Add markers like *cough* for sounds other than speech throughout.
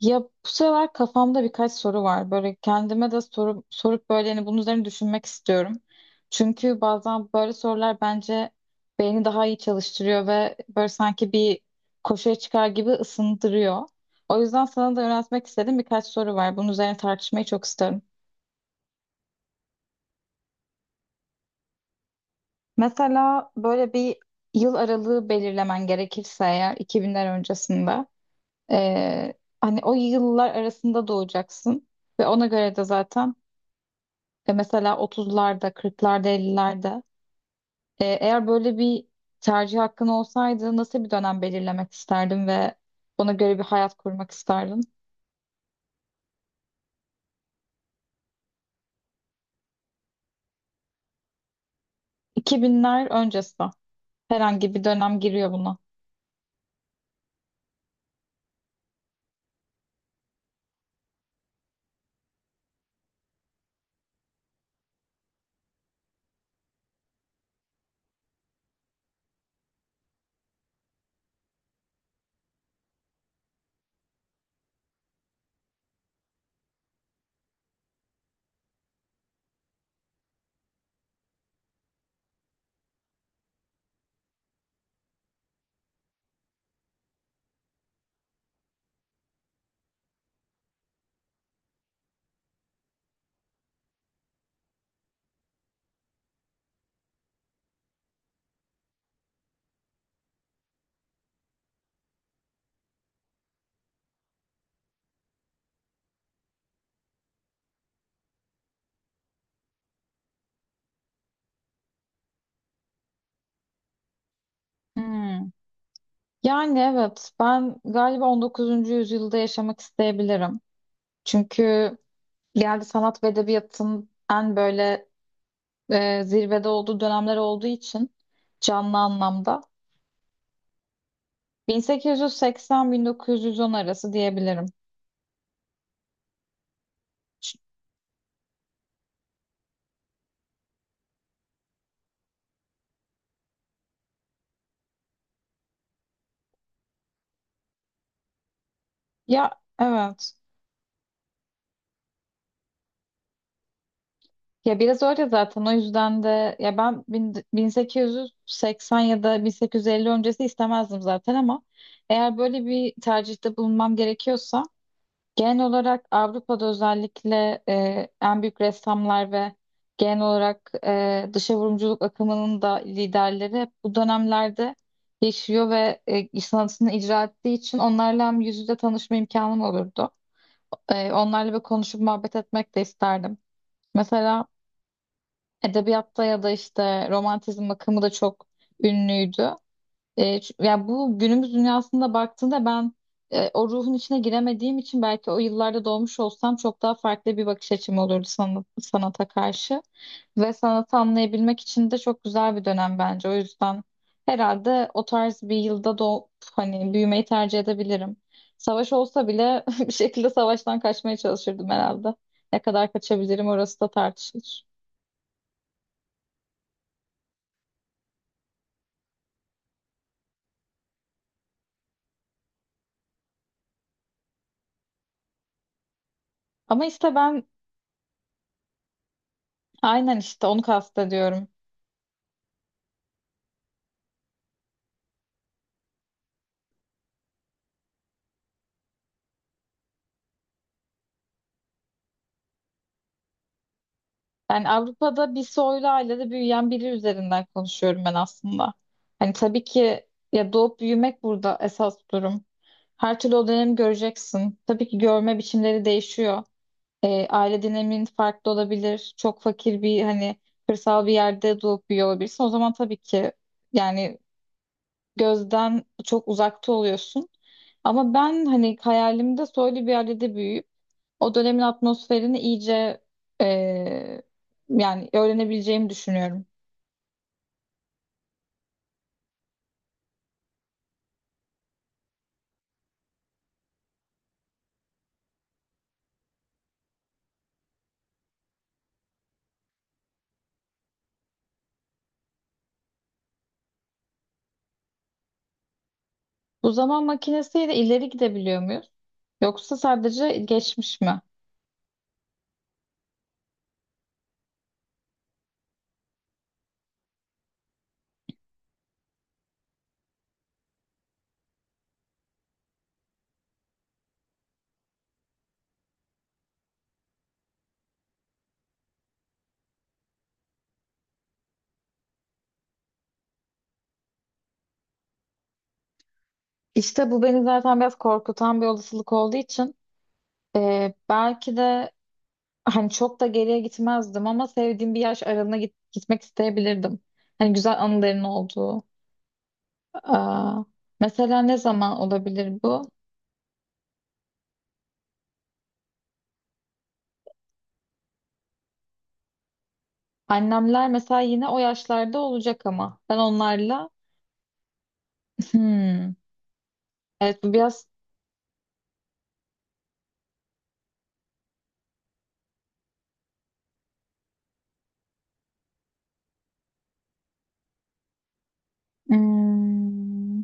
Ya bu sefer kafamda birkaç soru var. Böyle kendime de soru sorup böyle hani bunun üzerine düşünmek istiyorum. Çünkü bazen böyle sorular bence beyni daha iyi çalıştırıyor ve böyle sanki bir koşuya çıkar gibi ısındırıyor. O yüzden sana da yöneltmek istediğim birkaç soru var. Bunun üzerine tartışmayı çok isterim. Mesela böyle bir yıl aralığı belirlemen gerekirse eğer 2000'ler öncesinde eee, hani o yıllar arasında doğacaksın ve ona göre de zaten. Mesela 30'larda, 40'larda, 50'lerde. Eğer böyle bir tercih hakkın olsaydı nasıl bir dönem belirlemek isterdin ve ona göre bir hayat kurmak isterdin? 2000'ler öncesi. Herhangi bir dönem giriyor buna. Hmm. Yani evet ben galiba 19. yüzyılda yaşamak isteyebilirim. Çünkü geldi sanat ve edebiyatın en böyle zirvede olduğu dönemler olduğu için canlı anlamda 1880-1910 arası diyebilirim. Ya evet. Ya biraz öyle zaten, o yüzden de ya 1880 ya da 1850 öncesi istemezdim zaten, ama eğer böyle bir tercihte bulunmam gerekiyorsa genel olarak Avrupa'da özellikle en büyük ressamlar ve genel olarak dışa vurumculuk akımının da liderleri hep bu dönemlerde yaşıyor ve sanatını icra ettiği için onlarla hem yüz yüze tanışma imkanım olurdu. Onlarla bir konuşup muhabbet etmek de isterdim. Mesela edebiyatta ya da işte romantizm akımı da çok ünlüydü. Ya bu günümüz dünyasında baktığında ben o ruhun içine giremediğim için belki o yıllarda doğmuş olsam çok daha farklı bir bakış açım olurdu sanata karşı. Ve sanatı anlayabilmek için de çok güzel bir dönem bence. O yüzden herhalde o tarz bir yılda doğup hani büyümeyi tercih edebilirim. Savaş olsa bile *laughs* bir şekilde savaştan kaçmaya çalışırdım herhalde. Ne kadar kaçabilirim orası da tartışılır. Ama işte ben. Aynen, işte onu kastediyorum. Yani Avrupa'da bir soylu ailede büyüyen biri üzerinden konuşuyorum ben aslında. Hani tabii ki, ya doğup büyümek burada esas durum. Her türlü o dönemi göreceksin. Tabii ki görme biçimleri değişiyor. Aile dinamiğin farklı olabilir. Çok fakir bir hani kırsal bir yerde doğup büyüyor olabilirsin. O zaman tabii ki yani gözden çok uzakta oluyorsun. Ama ben hani hayalimde soylu bir ailede büyüyüp o dönemin atmosferini iyice eee, yani öğrenebileceğimi düşünüyorum. Bu zaman makinesiyle ileri gidebiliyor muyuz? Yoksa sadece geçmiş mi? İşte bu beni zaten biraz korkutan bir olasılık olduğu için belki de *laughs* hani çok da geriye gitmezdim ama sevdiğim bir yaş aralığına gitmek isteyebilirdim. Hani güzel anıların olduğu. Aa, mesela ne zaman olabilir bu? Annemler mesela yine o yaşlarda olacak ama ben onlarla hmm, evet bu biraz hmm,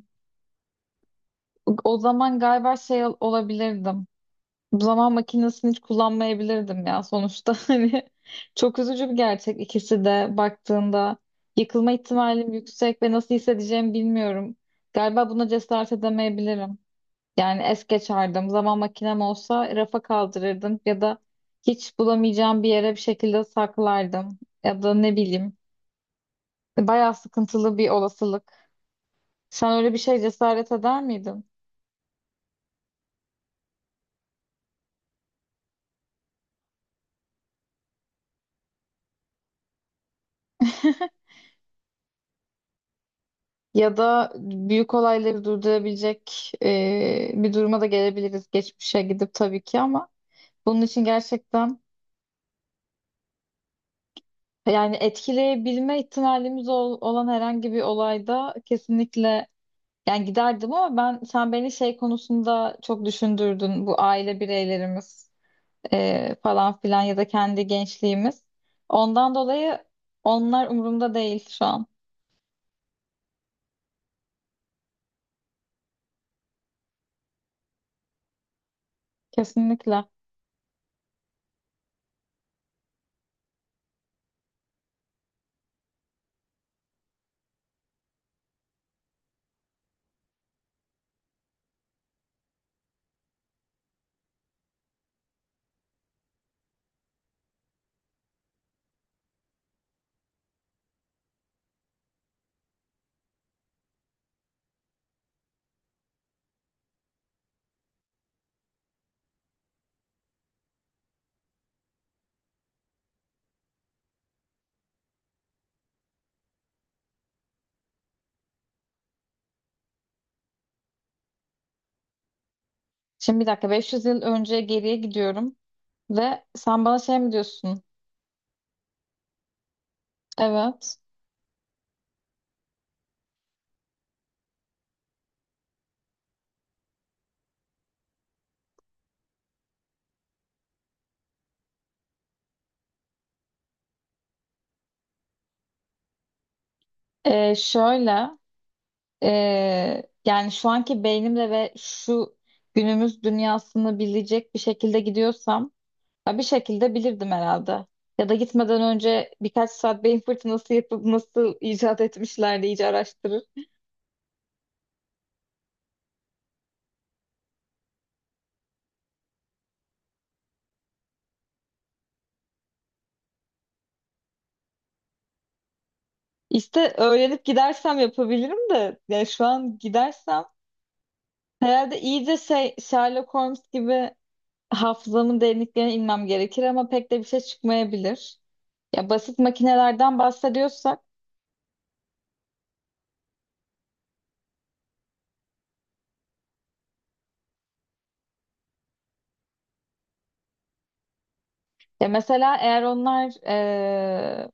o zaman galiba şey olabilirdim. Zaman makinesini hiç kullanmayabilirdim ya sonuçta. *laughs* Hani çok üzücü bir gerçek, ikisi de baktığında yıkılma ihtimalim yüksek ve nasıl hissedeceğimi bilmiyorum. Galiba buna cesaret edemeyebilirim. Yani es geçerdim. Zaman makinem olsa rafa kaldırırdım ya da hiç bulamayacağım bir yere bir şekilde saklardım ya da ne bileyim. Bayağı sıkıntılı bir olasılık. Sen öyle bir şey cesaret eder miydin? *laughs* Ya da büyük olayları durdurabilecek bir duruma da gelebiliriz geçmişe gidip tabii ki, ama bunun için gerçekten yani etkileyebilme ihtimalimiz olan herhangi bir olayda kesinlikle yani giderdim, ama ben sen beni şey konusunda çok düşündürdün, bu aile bireylerimiz falan filan ya da kendi gençliğimiz. Ondan dolayı onlar umurumda değil şu an. Kesinlikle. Şimdi bir dakika, 500 yıl önce geriye gidiyorum. Ve sen bana şey mi diyorsun? Evet. Şöyle yani şu anki beynimle ve şu günümüz dünyasını bilecek bir şekilde gidiyorsam, ya bir şekilde bilirdim herhalde. Ya da gitmeden önce birkaç saat beyin fırtınası yapıp nasıl icat etmişler diye iyice araştırır. İşte öğrenip gidersem yapabilirim de, yani şu an gidersem herhalde iyice şey, Sherlock Holmes gibi hafızamın derinliklerine inmem gerekir ama pek de bir şey çıkmayabilir. Ya basit makinelerden bahsediyorsak, ya mesela eğer onlar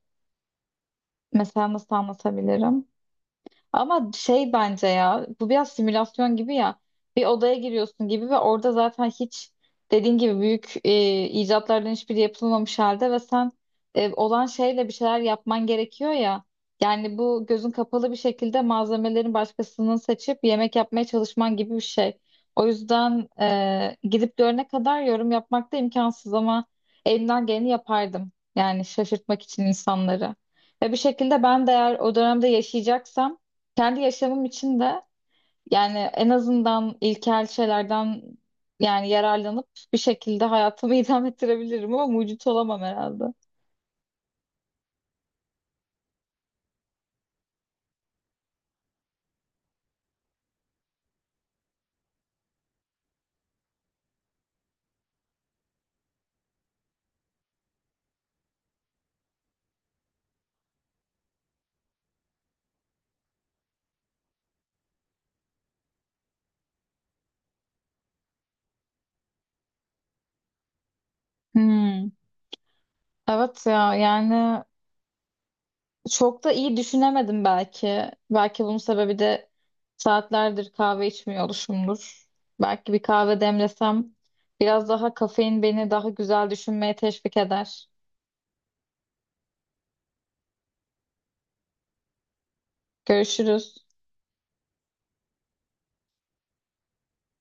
mesela nasıl anlatabilirim? Ama şey bence, ya bu biraz simülasyon gibi ya, bir odaya giriyorsun gibi ve orada zaten hiç dediğin gibi büyük icatlardan hiçbiri yapılmamış halde ve sen olan şeyle bir şeyler yapman gerekiyor ya. Yani bu gözün kapalı bir şekilde malzemelerin başkasının seçip yemek yapmaya çalışman gibi bir şey. O yüzden gidip görene kadar yorum yapmak da imkansız, ama elimden geleni yapardım. Yani şaşırtmak için insanları. Ve bir şekilde ben de eğer o dönemde yaşayacaksam kendi yaşamım için de yani en azından ilkel şeylerden yani yararlanıp bir şekilde hayatımı *laughs* idame ettirebilirim ama mucit olamam herhalde. Hmm. Evet ya, yani çok da iyi düşünemedim belki. Belki bunun sebebi de saatlerdir kahve içmiyor oluşumdur. Belki bir kahve demlesem biraz daha kafein beni daha güzel düşünmeye teşvik eder. Görüşürüz.